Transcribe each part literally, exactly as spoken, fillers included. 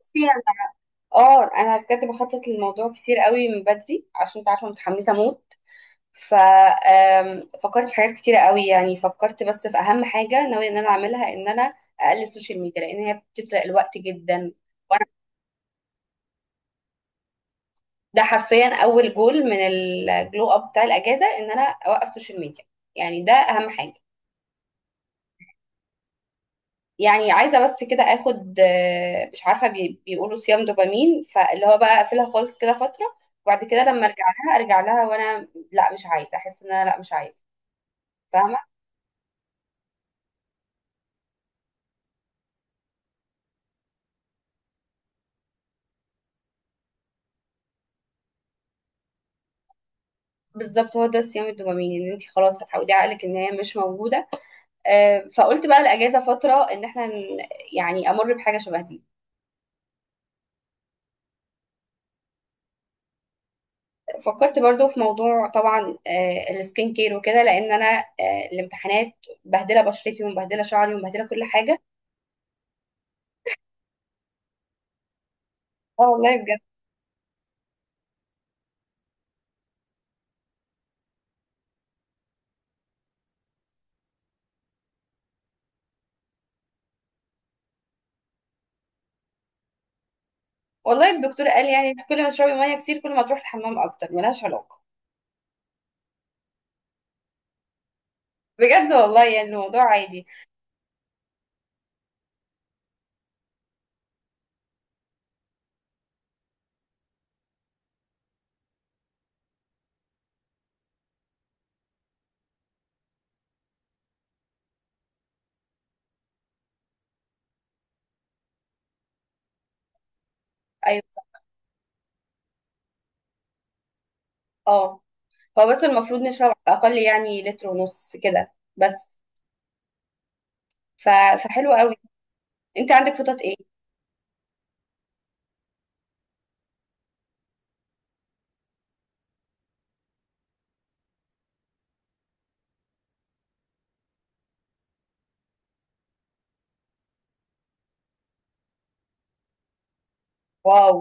بصي يعني اه انا بجد بخطط للموضوع كتير قوي من بدري عشان انت عارفه متحمسه موت. ف آم، فكرت في حاجات كتيره قوي، يعني فكرت بس في اهم حاجه ناويه ان انا اعملها ان انا اقلل السوشيال ميديا لان هي بتسرق الوقت جدا. وانا. ده حرفيا اول جول من الجلو اب بتاع الاجازه ان انا اوقف السوشيال ميديا، يعني ده اهم حاجه. يعني عايزه بس كده اخد، آه، مش عارفه، بي- بيقولوا صيام دوبامين، فاللي هو بقى اقفلها خالص كده فتره وبعد كده لما ارجع لها ارجع لها وانا، لا مش عايزه احس ان انا، لا مش عايزه. فاهمه. بالظبط هو ده صيام الدوبامين، ان انت خلاص هتعودي عقلك ان هي مش موجوده. آه، فقلت بقى الاجازه فتره ان احنا ن- يعني امر بحاجه شبه دي. فكرت برضو في موضوع، طبعا آه، السكين كير وكده، لان انا آه، الامتحانات مبهدله بشرتي ومبهدله شعري ومبهدله كل حاجه. اه والله بجد. والله الدكتور قال يعني كل ما تشربي ميه كتير كل ما تروح الحمام اكتر، ملهاش علاقه. بجد والله يعني الموضوع عادي. ايوه. اه هو بس المفروض نشرب اقل، يعني لتر ونص كده بس. ف... فحلو قوي. انت عندك خطط ايه؟ واو.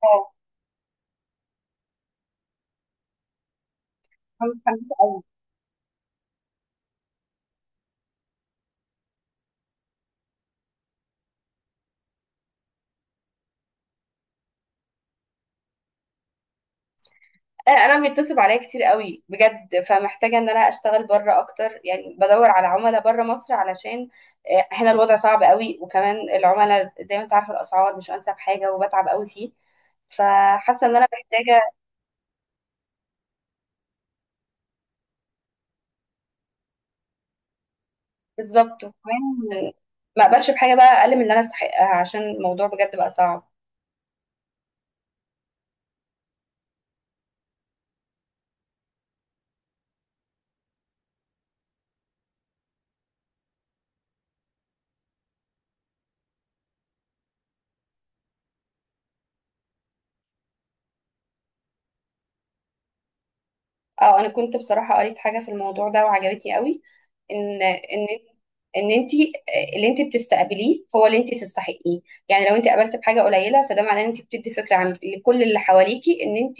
واو. أنا متحمسه قوي. انا أنا بيتصل عليا كتير قوي بجد، فمحتاجه ان انا اشتغل بره اكتر، يعني بدور على عملاء بره مصر علشان آه، هنا الوضع صعب قوي، وكمان العملاء زي ما انت عارفه الاسعار مش انسب حاجه وبتعب قوي فيه. فحاسه ان انا محتاجه. بالظبط. وكمان ما اقبلش بحاجه بقى اقل من اللي انا استحقها عشان الموضوع بجد بقى صعب. اه انا كنت بصراحه قريت حاجه في الموضوع ده وعجبتني قوي. ان ان ان انت، اللي انت بتستقبليه هو اللي انت تستحقيه. يعني لو انت قابلت بحاجه قليله، فده معناه ان انت بتدي فكره عن لكل اللي حواليكي ان انت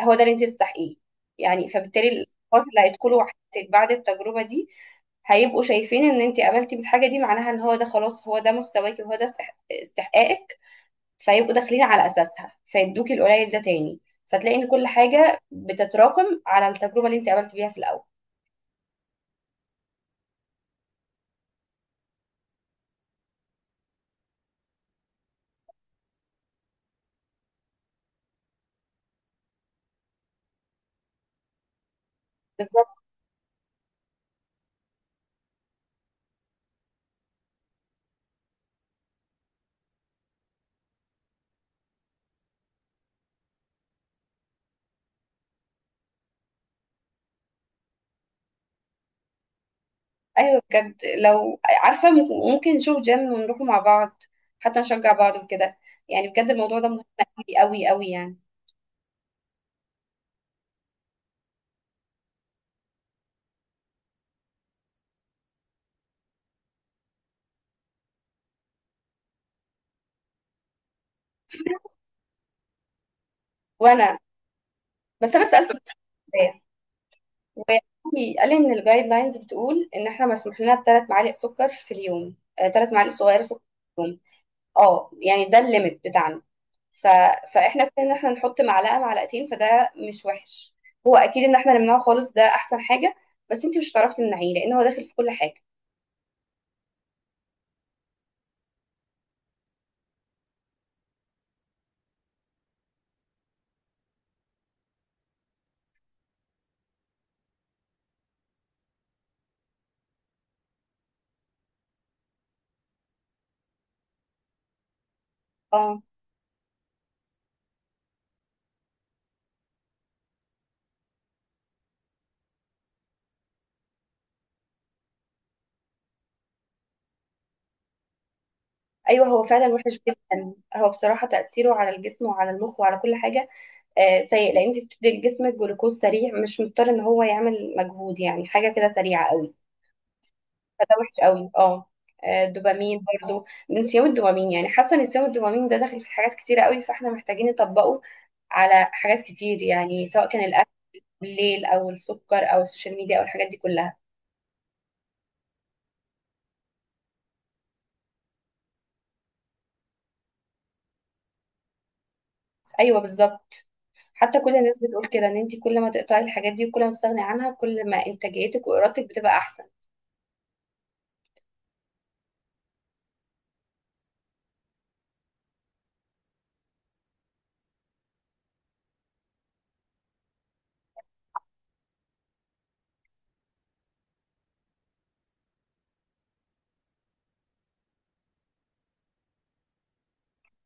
هو ده اللي انت تستحقيه. يعني فبالتالي الاشخاص اللي هيدخلوا حياتك بعد التجربه دي هيبقوا شايفين ان انت قابلتي بالحاجه دي، معناها ان هو ده خلاص هو ده مستواكي وهو ده استحقاقك. فيبقوا داخلين على اساسها فيدوكي القليل ده تاني. فتلاقي ان كل حاجه بتتراكم على التجربه اللي انت قابلت بيها في الاول. بالظبط. ايوه بجد، لو عارفه ممكن ممكن نشوف جيم ونروح مع بعض، حتى نشجع بعض وكده. يعني بجد الموضوع ده مهم قوي قوي قوي يعني. وانا. بس انا سالته ازاي. وقال لي ان الجايد لاينز بتقول ان احنا مسموح لنا بثلاث معالق سكر في اليوم، ثلاث معالق صغيره سكر في اليوم. اه يعني ده الليميت بتاعنا. ف... فاحنا ابتدينا ان احنا نحط معلقه معلقتين، فده مش وحش. هو اكيد ان احنا نمنعه خالص ده احسن حاجه، بس انت مش هتعرفي تمنعيه لان هو داخل في كل حاجه. اه. ايوه هو فعلا وحش جدا، هو بصراحه تاثيره على الجسم وعلى المخ وعلى كل حاجه آه سيء، لان انت بتدي لجسمك جلوكوز سريع مش مضطر ان هو يعمل مجهود، يعني حاجه كده سريعه قوي. فده وحش قوي اه آه، الدوبامين برضو، نسيان الدوبامين، يعني حاسه ان نسيان الدوبامين ده داخل في حاجات كتيره قوي فاحنا محتاجين نطبقه على حاجات كتير، يعني سواء كان الاكل بالليل او السكر او السوشيال ميديا او الحاجات دي كلها. ايوه بالظبط. حتى كل الناس بتقول كده ان انت كل ما تقطعي الحاجات دي وكل ما تستغني عنها، كل ما انتاجيتك وارادتك بتبقى احسن.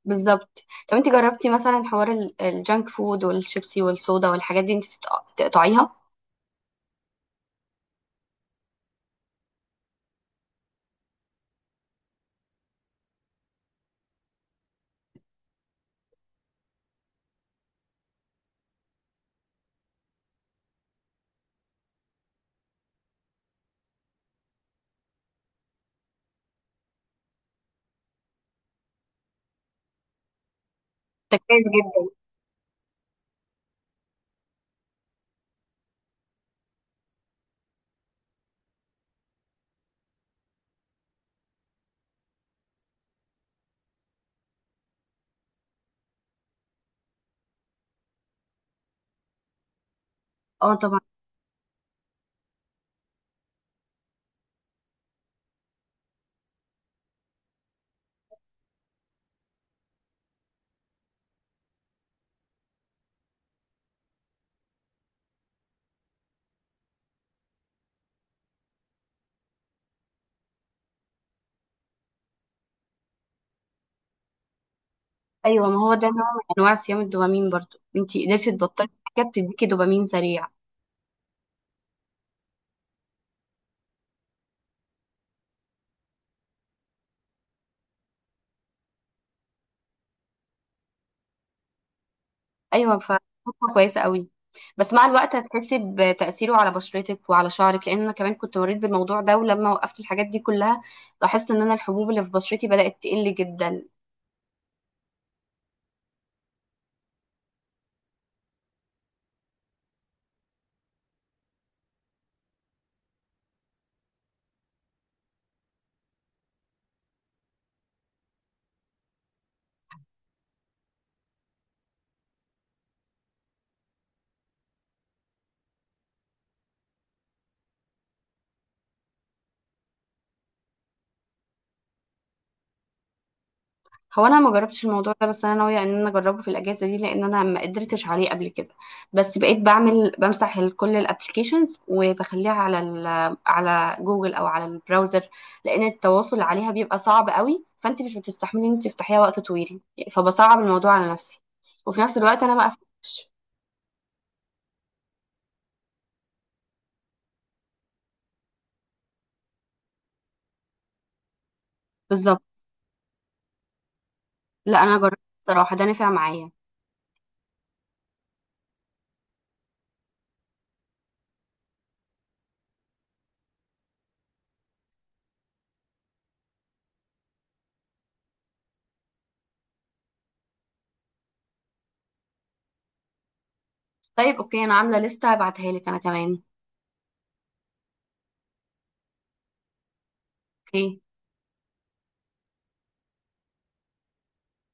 بالظبط. طب انت جربتي مثلا حوار ال- الجانك فود والشيبسي والصودا والحاجات دي، انت تقط- تقطعيها؟ ده كويس جدا. اه طبعا. ايوه ما هو ده نوع من انواع صيام الدوبامين، برضو انت قدرتي تبطلي حاجه بتديكي دوبامين سريع. ايوه فخطوه كويسه قوي. بس مع الوقت هتحسي بتاثيره على بشرتك وعلى شعرك، لان انا كمان كنت مريت بالموضوع ده ولما وقفت الحاجات دي كلها لاحظت ان انا الحبوب اللي في بشرتي بدات تقل جدا. هو انا ما جربتش الموضوع ده بس انا ناويه ان انا اجربه في الاجازه دي لان انا ما قدرتش عليه قبل كده. بس بقيت بعمل بمسح ال- كل الابلكيشنز وبخليها على ال على جوجل او على البراوزر، لان التواصل عليها بيبقى صعب قوي فانت مش بتستحملي ان انت تفتحيها وقت طويل، فبصعب الموضوع على نفسي. وفي نفس الوقت انا ما قفلتش. بالظبط. لا انا جربت الصراحه ده نفع معايا. طيب اوكي انا عامله لسته هبعتها لك انا كمان. اوكي